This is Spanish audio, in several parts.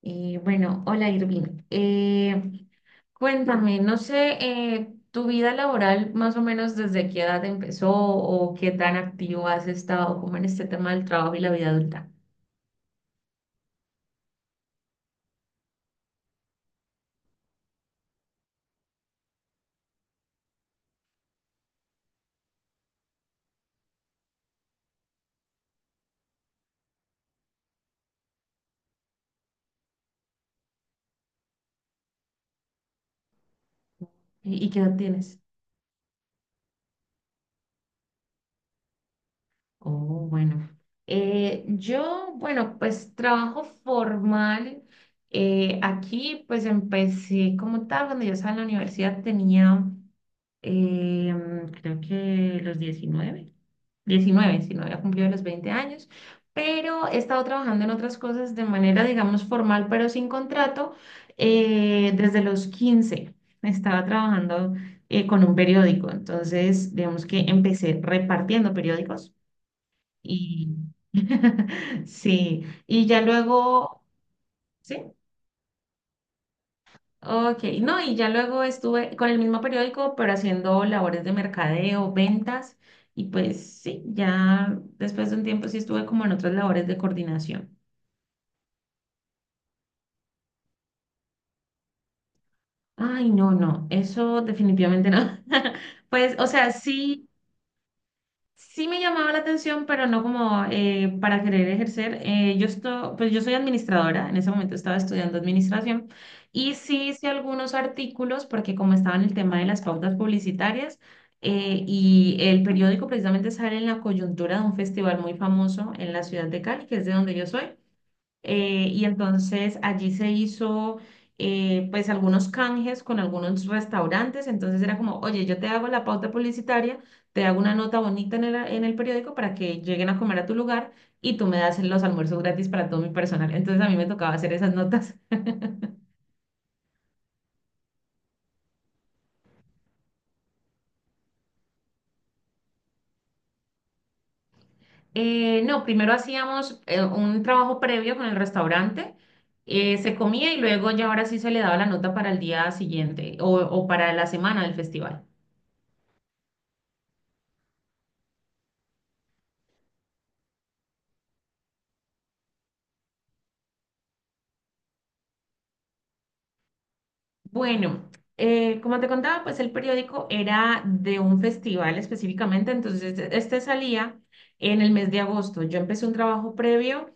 Y bueno, hola Irving. Cuéntame, no sé, tu vida laboral más o menos desde qué edad empezó o qué tan activo has estado como en este tema del trabajo y la vida adulta. ¿Y qué edad tienes? Oh, bueno. Yo, bueno, pues trabajo formal. Aquí pues empecé como tal, cuando yo estaba en la universidad tenía... creo que los diecinueve si no había cumplido los 20 años, pero he estado trabajando en otras cosas de manera, digamos, formal, pero sin contrato, desde los 15. Estaba trabajando con un periódico, entonces, digamos que empecé repartiendo periódicos y sí, y ya luego, ¿sí? Ok, no, y ya luego estuve con el mismo periódico, pero haciendo labores de mercadeo, ventas, y pues sí, ya después de un tiempo sí estuve como en otras labores de coordinación. Ay, no, no, eso definitivamente no. Pues, o sea, sí. Sí me llamaba la atención, pero no como para querer ejercer. Yo esto, pues yo soy administradora, en ese momento estaba estudiando administración y sí hice algunos artículos porque como estaba en el tema de las pautas publicitarias, y el periódico precisamente sale en la coyuntura de un festival muy famoso en la ciudad de Cali, que es de donde yo soy. Y entonces allí se hizo, pues algunos canjes con algunos restaurantes. Entonces era como, oye, yo te hago la pauta publicitaria, te hago una nota bonita en el periódico para que lleguen a comer a tu lugar y tú me das los almuerzos gratis para todo mi personal. Entonces a mí me tocaba hacer esas notas. No, primero hacíamos un trabajo previo con el restaurante. Se comía y luego ya ahora sí se le daba la nota para el día siguiente o para la semana del festival. Bueno, como te contaba, pues el periódico era de un festival específicamente, entonces este salía en el mes de agosto. Yo empecé un trabajo previo,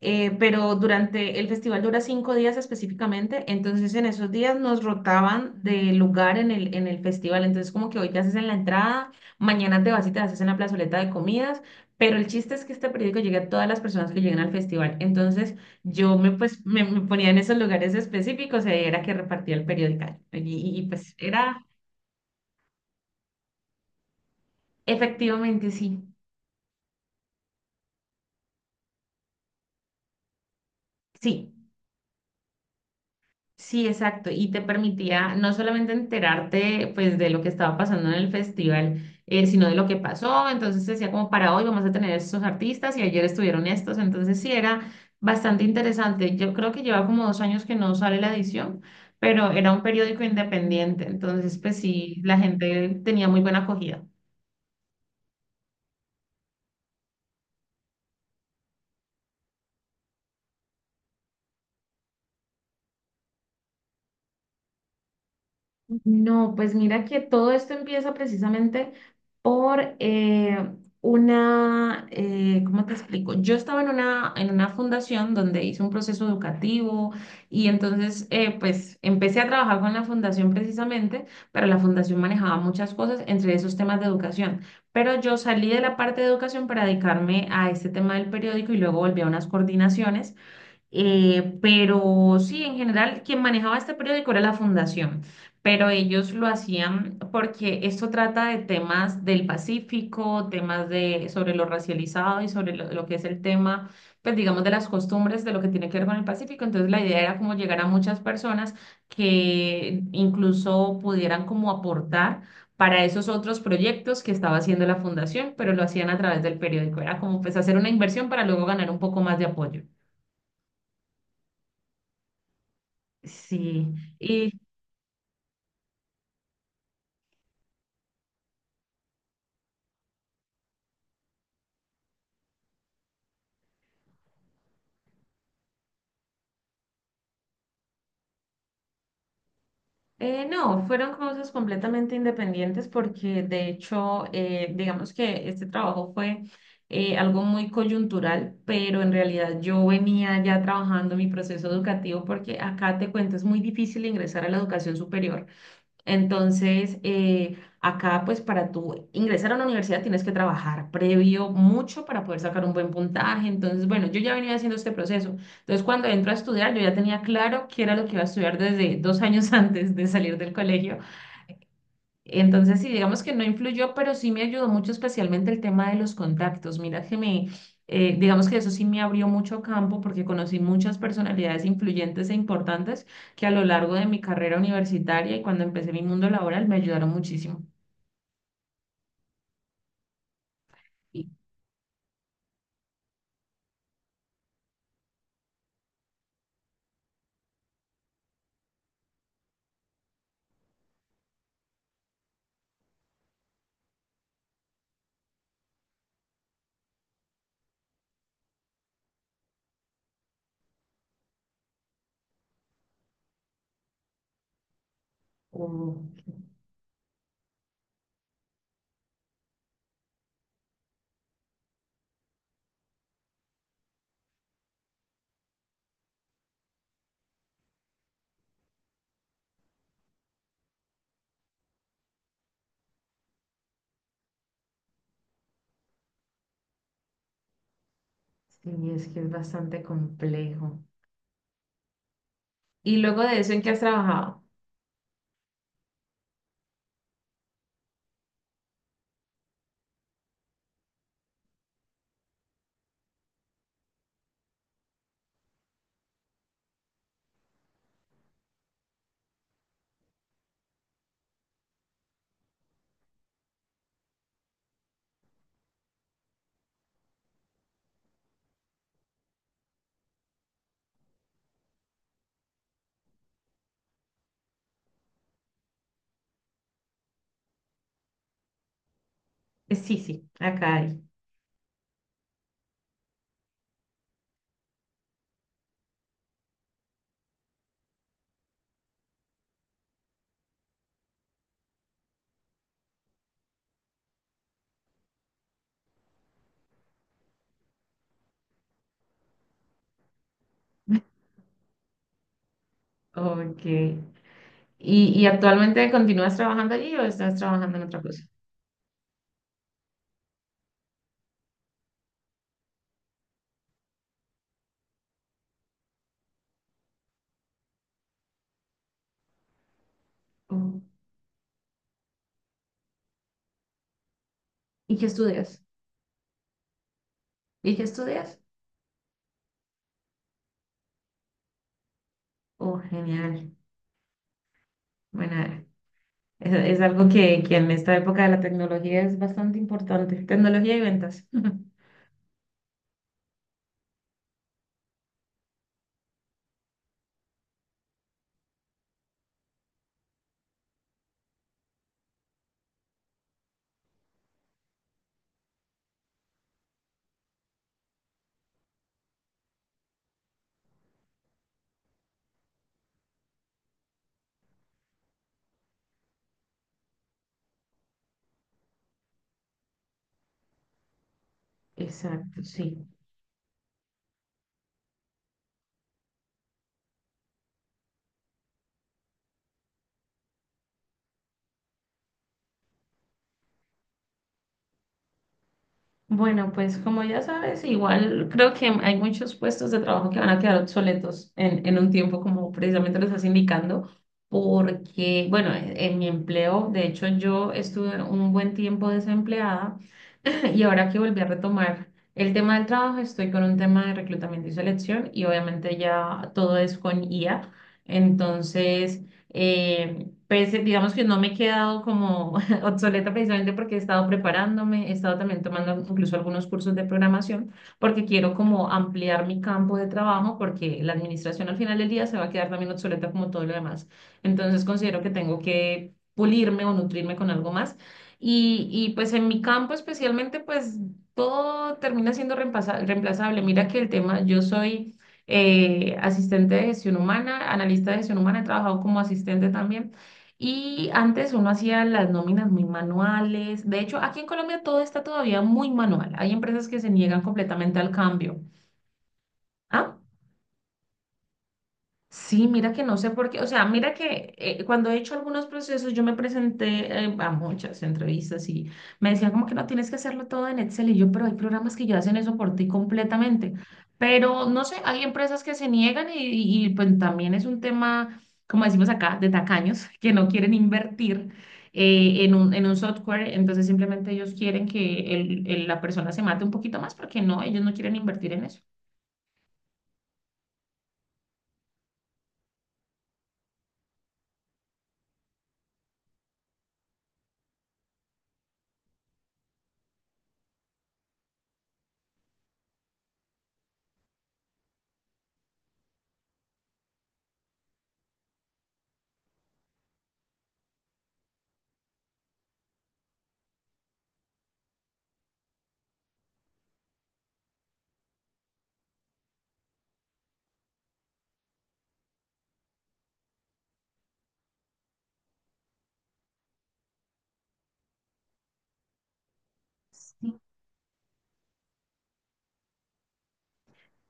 pero durante el festival dura 5 días específicamente, entonces en esos días nos rotaban de lugar en el festival, entonces como que hoy te haces en la entrada, mañana te vas y te haces en la plazoleta de comidas, pero el chiste es que este periódico llegue a todas las personas que lleguen al festival, entonces... Yo me, pues, me ponía en esos lugares específicos y ahí era que repartía el periódico. Pues era, efectivamente, sí, sí, sí, exacto. Y te permitía no solamente enterarte pues de lo que estaba pasando en el festival, sino de lo que pasó. Entonces decía como para hoy vamos a tener estos artistas y ayer estuvieron estos. Entonces sí, era bastante interesante. Yo creo que lleva como 2 años que no sale la edición. Pero era un periódico independiente, entonces pues sí, la gente tenía muy buena acogida. No, pues mira que todo esto empieza precisamente por una, ¿cómo te explico? Yo estaba en una fundación donde hice un proceso educativo y entonces, pues empecé a trabajar con la fundación precisamente, pero la fundación manejaba muchas cosas, entre esos temas de educación. Pero yo salí de la parte de educación para dedicarme a este tema del periódico y luego volví a unas coordinaciones. Pero sí, en general, quien manejaba este periódico era la fundación, pero ellos lo hacían porque esto trata de temas del Pacífico, temas de, sobre lo racializado y sobre lo que es el tema, pues digamos, de las costumbres de lo que tiene que ver con el Pacífico. Entonces, la idea era como llegar a muchas personas que incluso pudieran como aportar para esos otros proyectos que estaba haciendo la fundación, pero lo hacían a través del periódico. Era como pues hacer una inversión para luego ganar un poco más de apoyo. Sí, y no, fueron cosas completamente independientes porque de hecho, digamos que este trabajo fue algo muy coyuntural, pero en realidad yo venía ya trabajando mi proceso educativo porque acá te cuento, es muy difícil ingresar a la educación superior. Entonces, acá pues para tú ingresar a una universidad tienes que trabajar previo mucho para poder sacar un buen puntaje. Entonces, bueno, yo ya venía haciendo este proceso. Entonces, cuando entro a estudiar, yo ya tenía claro qué era lo que iba a estudiar desde 2 años antes de salir del colegio. Entonces, sí, digamos que no influyó, pero sí me ayudó mucho, especialmente el tema de los contactos. Mira que me, digamos que eso sí me abrió mucho campo porque conocí muchas personalidades influyentes e importantes que a lo largo de mi carrera universitaria y cuando empecé mi mundo laboral me ayudaron muchísimo. Y- Oh, sí, es que es bastante complejo. ¿Y luego de eso en qué has trabajado? Sí, sí, acá hay. Ok. ¿Y actualmente continúas trabajando allí o estás trabajando en otra cosa? Oh, ¿y qué estudias? ¿Y qué estudias? Oh, genial. Bueno, es algo que en esta época de la tecnología es bastante importante. Tecnología y ventas. Exacto, sí. Bueno, pues como ya sabes, igual creo que hay muchos puestos de trabajo que van a quedar obsoletos en un tiempo, como precisamente lo estás indicando, porque, bueno, en mi empleo, de hecho, yo estuve un buen tiempo desempleada. Y ahora que volví a retomar el tema del trabajo, estoy con un tema de reclutamiento y selección y obviamente ya todo es con IA. Entonces, pues, digamos que no me he quedado como obsoleta precisamente porque he estado preparándome, he estado también tomando incluso algunos cursos de programación porque quiero como ampliar mi campo de trabajo porque la administración al final del día se va a quedar también obsoleta como todo lo demás. Entonces, considero que tengo que pulirme o nutrirme con algo más. Y pues en mi campo especialmente, pues todo termina siendo reemplazable. Mira que el tema, yo soy asistente de gestión humana, analista de gestión humana, he trabajado como asistente también. Y antes uno hacía las nóminas muy manuales. De hecho, aquí en Colombia todo está todavía muy manual. Hay empresas que se niegan completamente al cambio. ¿Ah? Sí, mira que no sé por qué, o sea, mira que, cuando he hecho algunos procesos, yo me presenté a muchas entrevistas y me decían como que no tienes que hacerlo todo en Excel y yo, pero hay programas que ya hacen eso por ti completamente. Pero no sé, hay empresas que se niegan y pues también es un tema, como decimos acá, de tacaños, que no quieren invertir en un software, entonces simplemente ellos quieren que la persona se mate un poquito más porque no, ellos no quieren invertir en eso.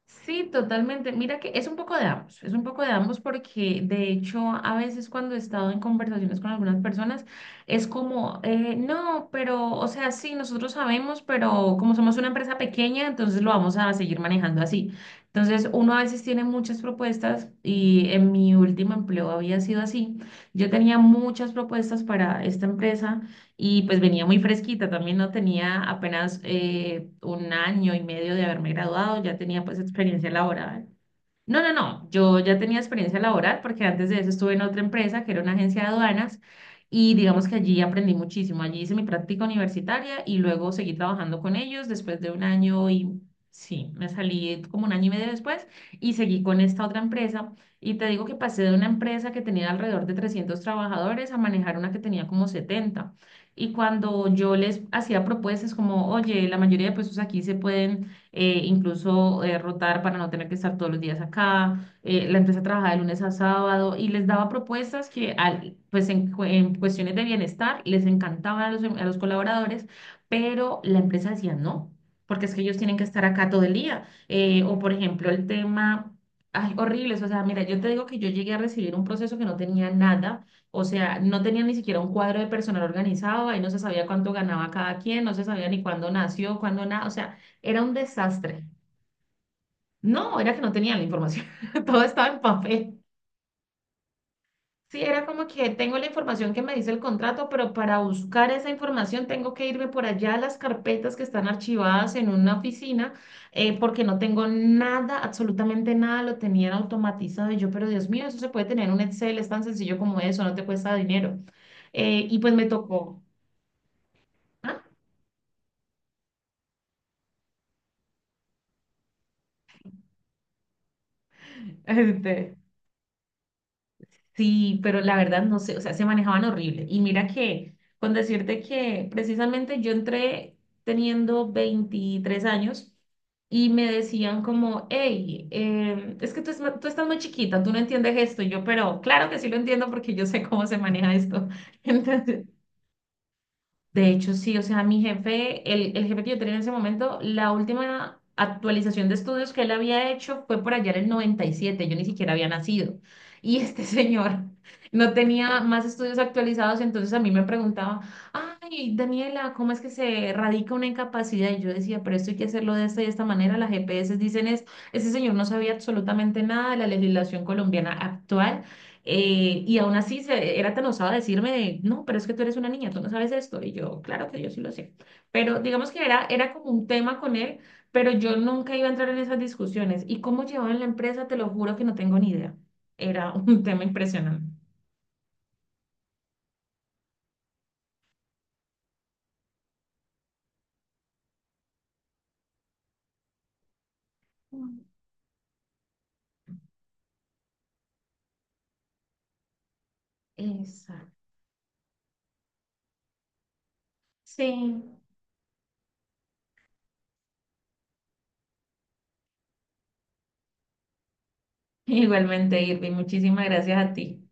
Sí, totalmente. Mira que es un poco de ambos, es un poco de ambos porque de hecho a veces cuando he estado en conversaciones con algunas personas es como, no, pero, o sea, sí, nosotros sabemos, pero como somos una empresa pequeña, entonces lo vamos a seguir manejando así. Entonces uno a veces tiene muchas propuestas y en mi último empleo había sido así. Yo tenía muchas propuestas para esta empresa y pues venía muy fresquita, también no tenía apenas un año y medio de haberme graduado, ya tenía pues experiencia laboral. No, no, no. Yo ya tenía experiencia laboral porque antes de eso estuve en otra empresa que era una agencia de aduanas y digamos que allí aprendí muchísimo. Allí hice mi práctica universitaria y luego seguí trabajando con ellos después de un año y sí, me salí como un año y medio después y seguí con esta otra empresa. Y te digo que pasé de una empresa que tenía alrededor de 300 trabajadores a manejar una que tenía como 70. Y cuando yo les hacía propuestas como, oye, la mayoría de puestos aquí se pueden incluso rotar para no tener que estar todos los días acá. La empresa trabajaba de lunes a sábado y les daba propuestas que, pues en, en cuestiones de bienestar, les encantaban a los, a los colaboradores, pero la empresa decía no, porque es que ellos tienen que estar acá todo el día. O, por ejemplo, el tema... Ay, horribles, o sea, mira, yo te digo que yo llegué a recibir un proceso que no tenía nada, o sea, no tenía ni siquiera un cuadro de personal organizado, ahí no se sabía cuánto ganaba cada quien, no se sabía ni cuándo nació, cuándo nada, o sea, era un desastre. No, era que no tenían la información. Todo estaba en papel. Sí, era como que tengo la información que me dice el contrato, pero para buscar esa información tengo que irme por allá a las carpetas que están archivadas en una oficina, porque no tengo nada, absolutamente nada, lo tenían automatizado. Y yo, pero Dios mío, eso se puede tener en un Excel, es tan sencillo como eso, no te cuesta dinero. Y pues me tocó. ¿Ah? Este, sí, pero la verdad no sé, o sea, se manejaban horrible. Y mira que, con decirte que precisamente yo entré teniendo 23 años y me decían como, hey, es que tú, tú estás muy chiquita, tú no entiendes esto. Y yo, pero claro que sí lo entiendo porque yo sé cómo se maneja esto. Entonces, de hecho, sí, o sea, mi jefe, el jefe que yo tenía en ese momento, la última actualización de estudios que él había hecho fue por allá en el 97. Yo ni siquiera había nacido. Y este señor no tenía más estudios actualizados, entonces a mí me preguntaba, ay, Daniela, ¿cómo es que se radica una incapacidad? Y yo decía, pero esto hay que hacerlo de esta y de esta manera, las GPS dicen es, ese señor no sabía absolutamente nada de la legislación colombiana actual, y aún así se, era tan osado decirme de, no, pero es que tú eres una niña, tú no sabes esto. Y yo, claro que yo sí lo sé. Pero digamos que era, era como un tema con él, pero yo nunca iba a entrar en esas discusiones. Y cómo llevaban la empresa, te lo juro que no tengo ni idea. Era un tema impresionante. Mm. Exacto. Sí. Igualmente, Irving, muchísimas gracias a ti.